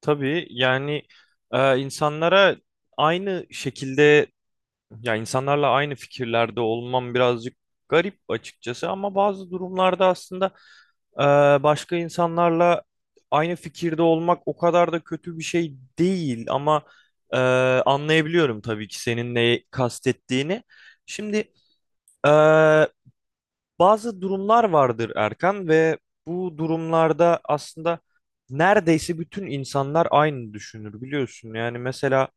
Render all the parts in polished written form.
Tabii yani insanlara aynı şekilde ya insanlarla aynı fikirlerde olmam birazcık garip açıkçası ama bazı durumlarda aslında e, başka insanlarla aynı fikirde olmak o kadar da kötü bir şey değil ama e, anlayabiliyorum tabii ki senin neyi kastettiğini. Şimdi e, bazı durumlar vardır Erkan ve bu durumlarda aslında neredeyse bütün insanlar aynı düşünür biliyorsun. Yani mesela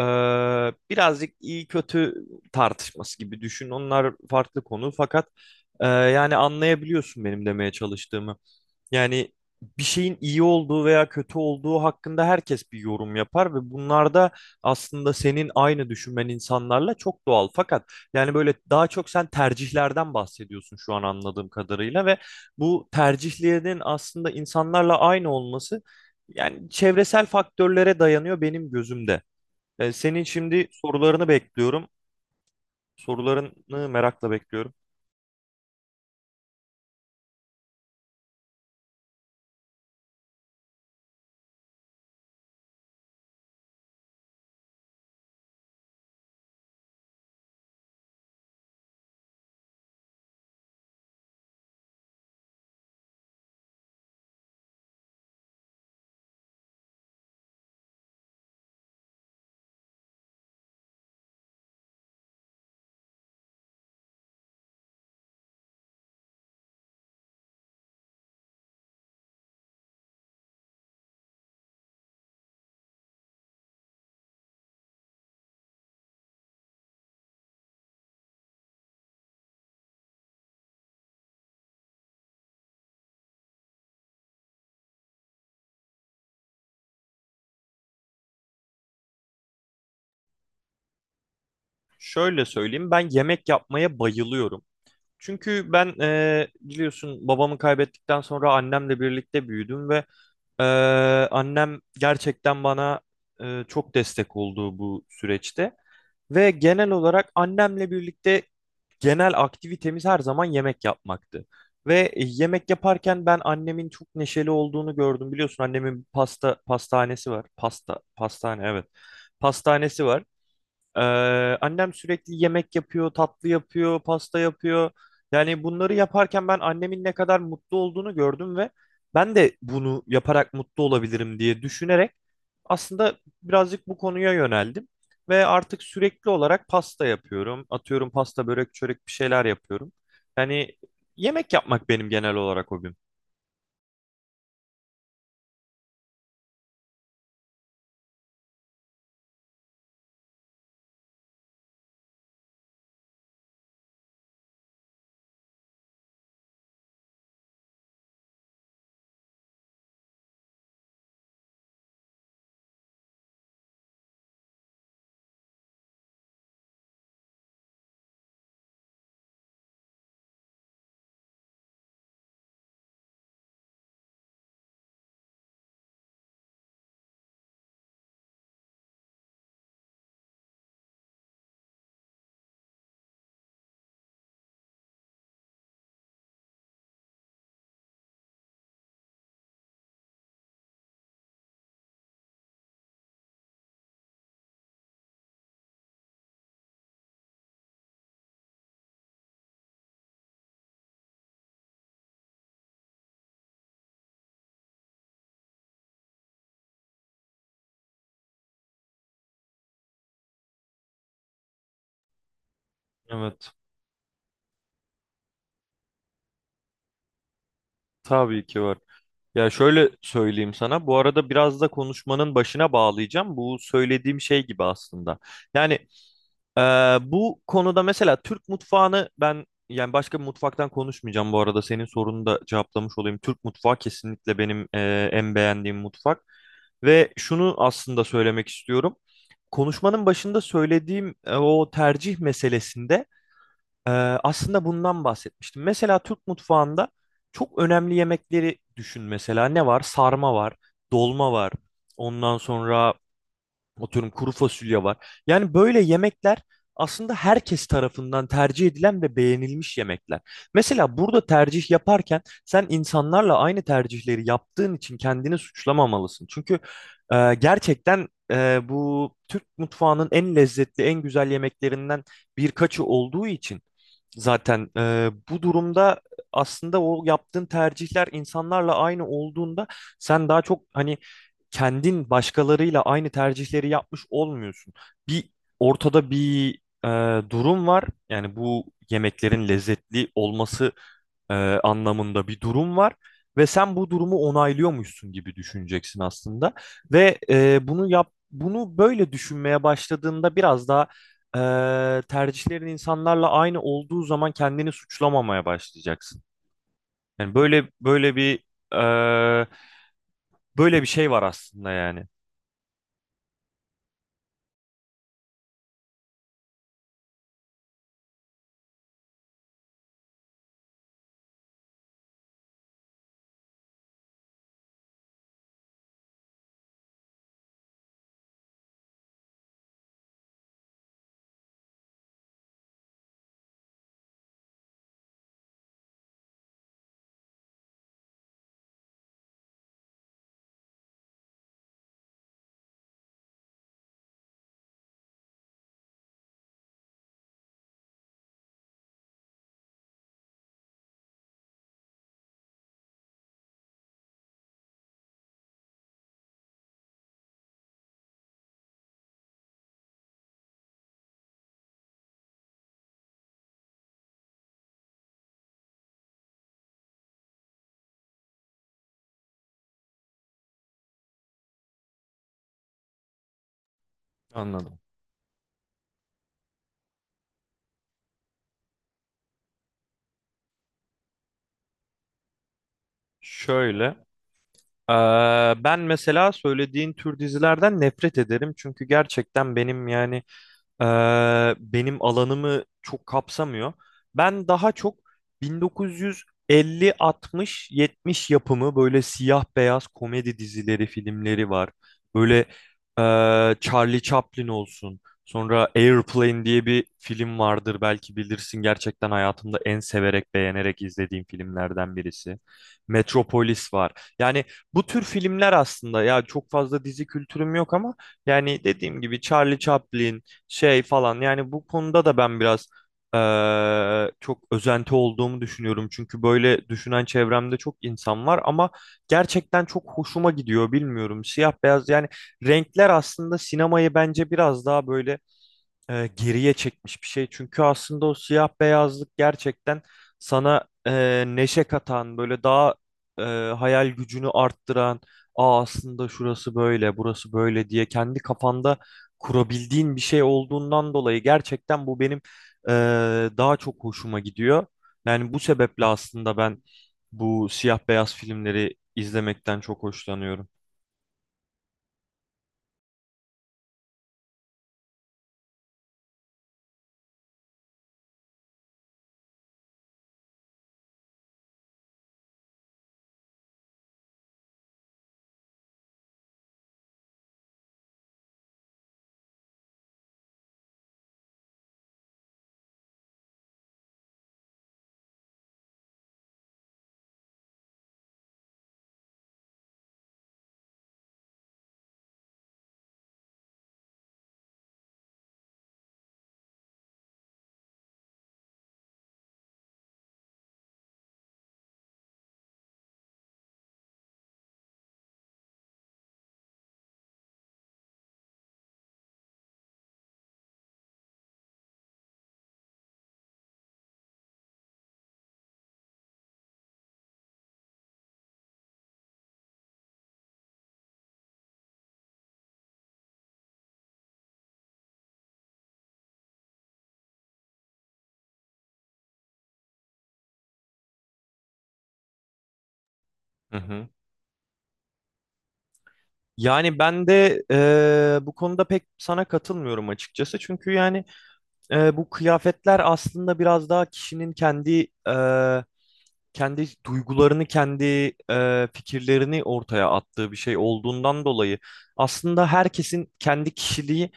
birazcık iyi kötü tartışması gibi düşün. Onlar farklı konu fakat yani anlayabiliyorsun benim demeye çalıştığımı. Yani bir şeyin iyi olduğu veya kötü olduğu hakkında herkes bir yorum yapar ve bunlarda aslında senin aynı düşünmen insanlarla çok doğal. Fakat yani böyle daha çok sen tercihlerden bahsediyorsun şu an anladığım kadarıyla ve bu tercihlerin aslında insanlarla aynı olması yani çevresel faktörlere dayanıyor benim gözümde. Senin şimdi sorularını bekliyorum. Sorularını merakla bekliyorum. Şöyle söyleyeyim, ben yemek yapmaya bayılıyorum. Çünkü ben biliyorsun, babamı kaybettikten sonra annemle birlikte büyüdüm ve annem gerçekten bana çok destek oldu bu süreçte. Ve genel olarak annemle birlikte genel aktivitemiz her zaman yemek yapmaktı. Ve yemek yaparken ben annemin çok neşeli olduğunu gördüm. Biliyorsun annemin pasta pastanesi var. Pasta pastane, evet. Pastanesi var. Ee, Annem sürekli yemek yapıyor, tatlı yapıyor, pasta yapıyor. Yani bunları yaparken ben annemin ne kadar mutlu olduğunu gördüm ve ben de bunu yaparak mutlu olabilirim diye düşünerek aslında birazcık bu konuya yöneldim. Ve artık sürekli olarak pasta yapıyorum. Atıyorum, pasta, börek, çörek bir şeyler yapıyorum. Yani yemek yapmak benim genel olarak hobim. Evet. Tabii ki var. Ya şöyle söyleyeyim sana. Bu arada biraz da konuşmanın başına bağlayacağım. Bu söylediğim şey gibi aslında. Yani e, bu konuda mesela Türk mutfağını ben, yani başka bir mutfaktan konuşmayacağım bu arada. Senin sorunu da cevaplamış olayım. Türk mutfağı kesinlikle benim en beğendiğim mutfak. Ve şunu aslında söylemek istiyorum. Konuşmanın başında söylediğim o tercih meselesinde ee, aslında bundan bahsetmiştim. Mesela Türk mutfağında çok önemli yemekleri düşün mesela. Ne var? Sarma var, dolma var. Ondan sonra, atıyorum, kuru fasulye var. Yani böyle yemekler aslında herkes tarafından tercih edilen ve beğenilmiş yemekler. Mesela burada tercih yaparken sen insanlarla aynı tercihleri yaptığın için kendini suçlamamalısın. Çünkü gerçekten bu Türk mutfağının en lezzetli, en güzel yemeklerinden birkaçı olduğu için, zaten bu durumda aslında o yaptığın tercihler insanlarla aynı olduğunda sen daha çok hani kendin başkalarıyla aynı tercihleri yapmış olmuyorsun. Bir Ortada bir durum var. Yani bu yemeklerin lezzetli olması anlamında bir durum var. Ve sen bu durumu onaylıyormuşsun gibi düşüneceksin aslında. Ve bunu yap, bunu böyle düşünmeye başladığında biraz daha tercihlerin insanlarla aynı olduğu zaman kendini suçlamamaya başlayacaksın. Yani böyle böyle bir e, Böyle bir şey var aslında yani. Anladım. Şöyle. Ben mesela söylediğin tür dizilerden nefret ederim. Çünkü gerçekten benim, yani benim alanımı çok kapsamıyor. Ben daha çok 1950, 60, 70 yapımı, böyle siyah beyaz komedi dizileri, filmleri var. Böyle Charlie Chaplin olsun. Sonra Airplane diye bir film vardır, belki bilirsin. Gerçekten hayatımda en severek, beğenerek izlediğim filmlerden birisi. Metropolis var. Yani bu tür filmler aslında, ya çok fazla dizi kültürüm yok ama yani dediğim gibi Charlie Chaplin, şey falan. Yani bu konuda da ben biraz çok özenti olduğumu düşünüyorum. Çünkü böyle düşünen çevremde çok insan var ama gerçekten çok hoşuma gidiyor, bilmiyorum. Siyah beyaz, yani renkler aslında sinemayı bence biraz daha böyle geriye çekmiş bir şey. Çünkü aslında o siyah beyazlık gerçekten sana neşe katan, böyle daha e, hayal gücünü arttıran, aa, aslında şurası böyle, burası böyle diye kendi kafanda kurabildiğin bir şey olduğundan dolayı gerçekten bu benim e, daha çok hoşuma gidiyor. Yani bu sebeple aslında ben bu siyah beyaz filmleri izlemekten çok hoşlanıyorum. Hı hı. Yani ben de bu konuda pek sana katılmıyorum açıkçası. Çünkü yani bu kıyafetler aslında biraz daha kişinin kendi kendi duygularını, kendi fikirlerini ortaya attığı bir şey olduğundan dolayı aslında herkesin kendi kişiliği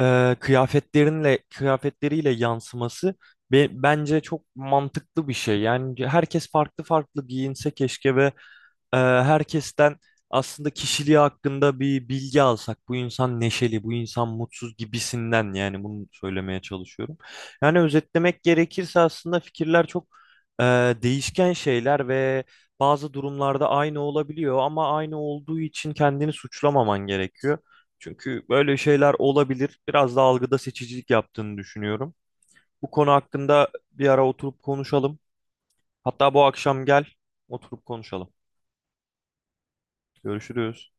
kıyafetleriyle yansıması bence çok mantıklı bir şey. Yani herkes farklı farklı giyinse keşke ve herkesten aslında kişiliği hakkında bir bilgi alsak, bu insan neşeli, bu insan mutsuz gibisinden, yani bunu söylemeye çalışıyorum. Yani özetlemek gerekirse aslında fikirler çok e, değişken şeyler ve bazı durumlarda aynı olabiliyor ama aynı olduğu için kendini suçlamaman gerekiyor. Çünkü böyle şeyler olabilir. Biraz da algıda seçicilik yaptığını düşünüyorum. Bu konu hakkında bir ara oturup konuşalım. Hatta bu akşam gel, oturup konuşalım. Görüşürüz.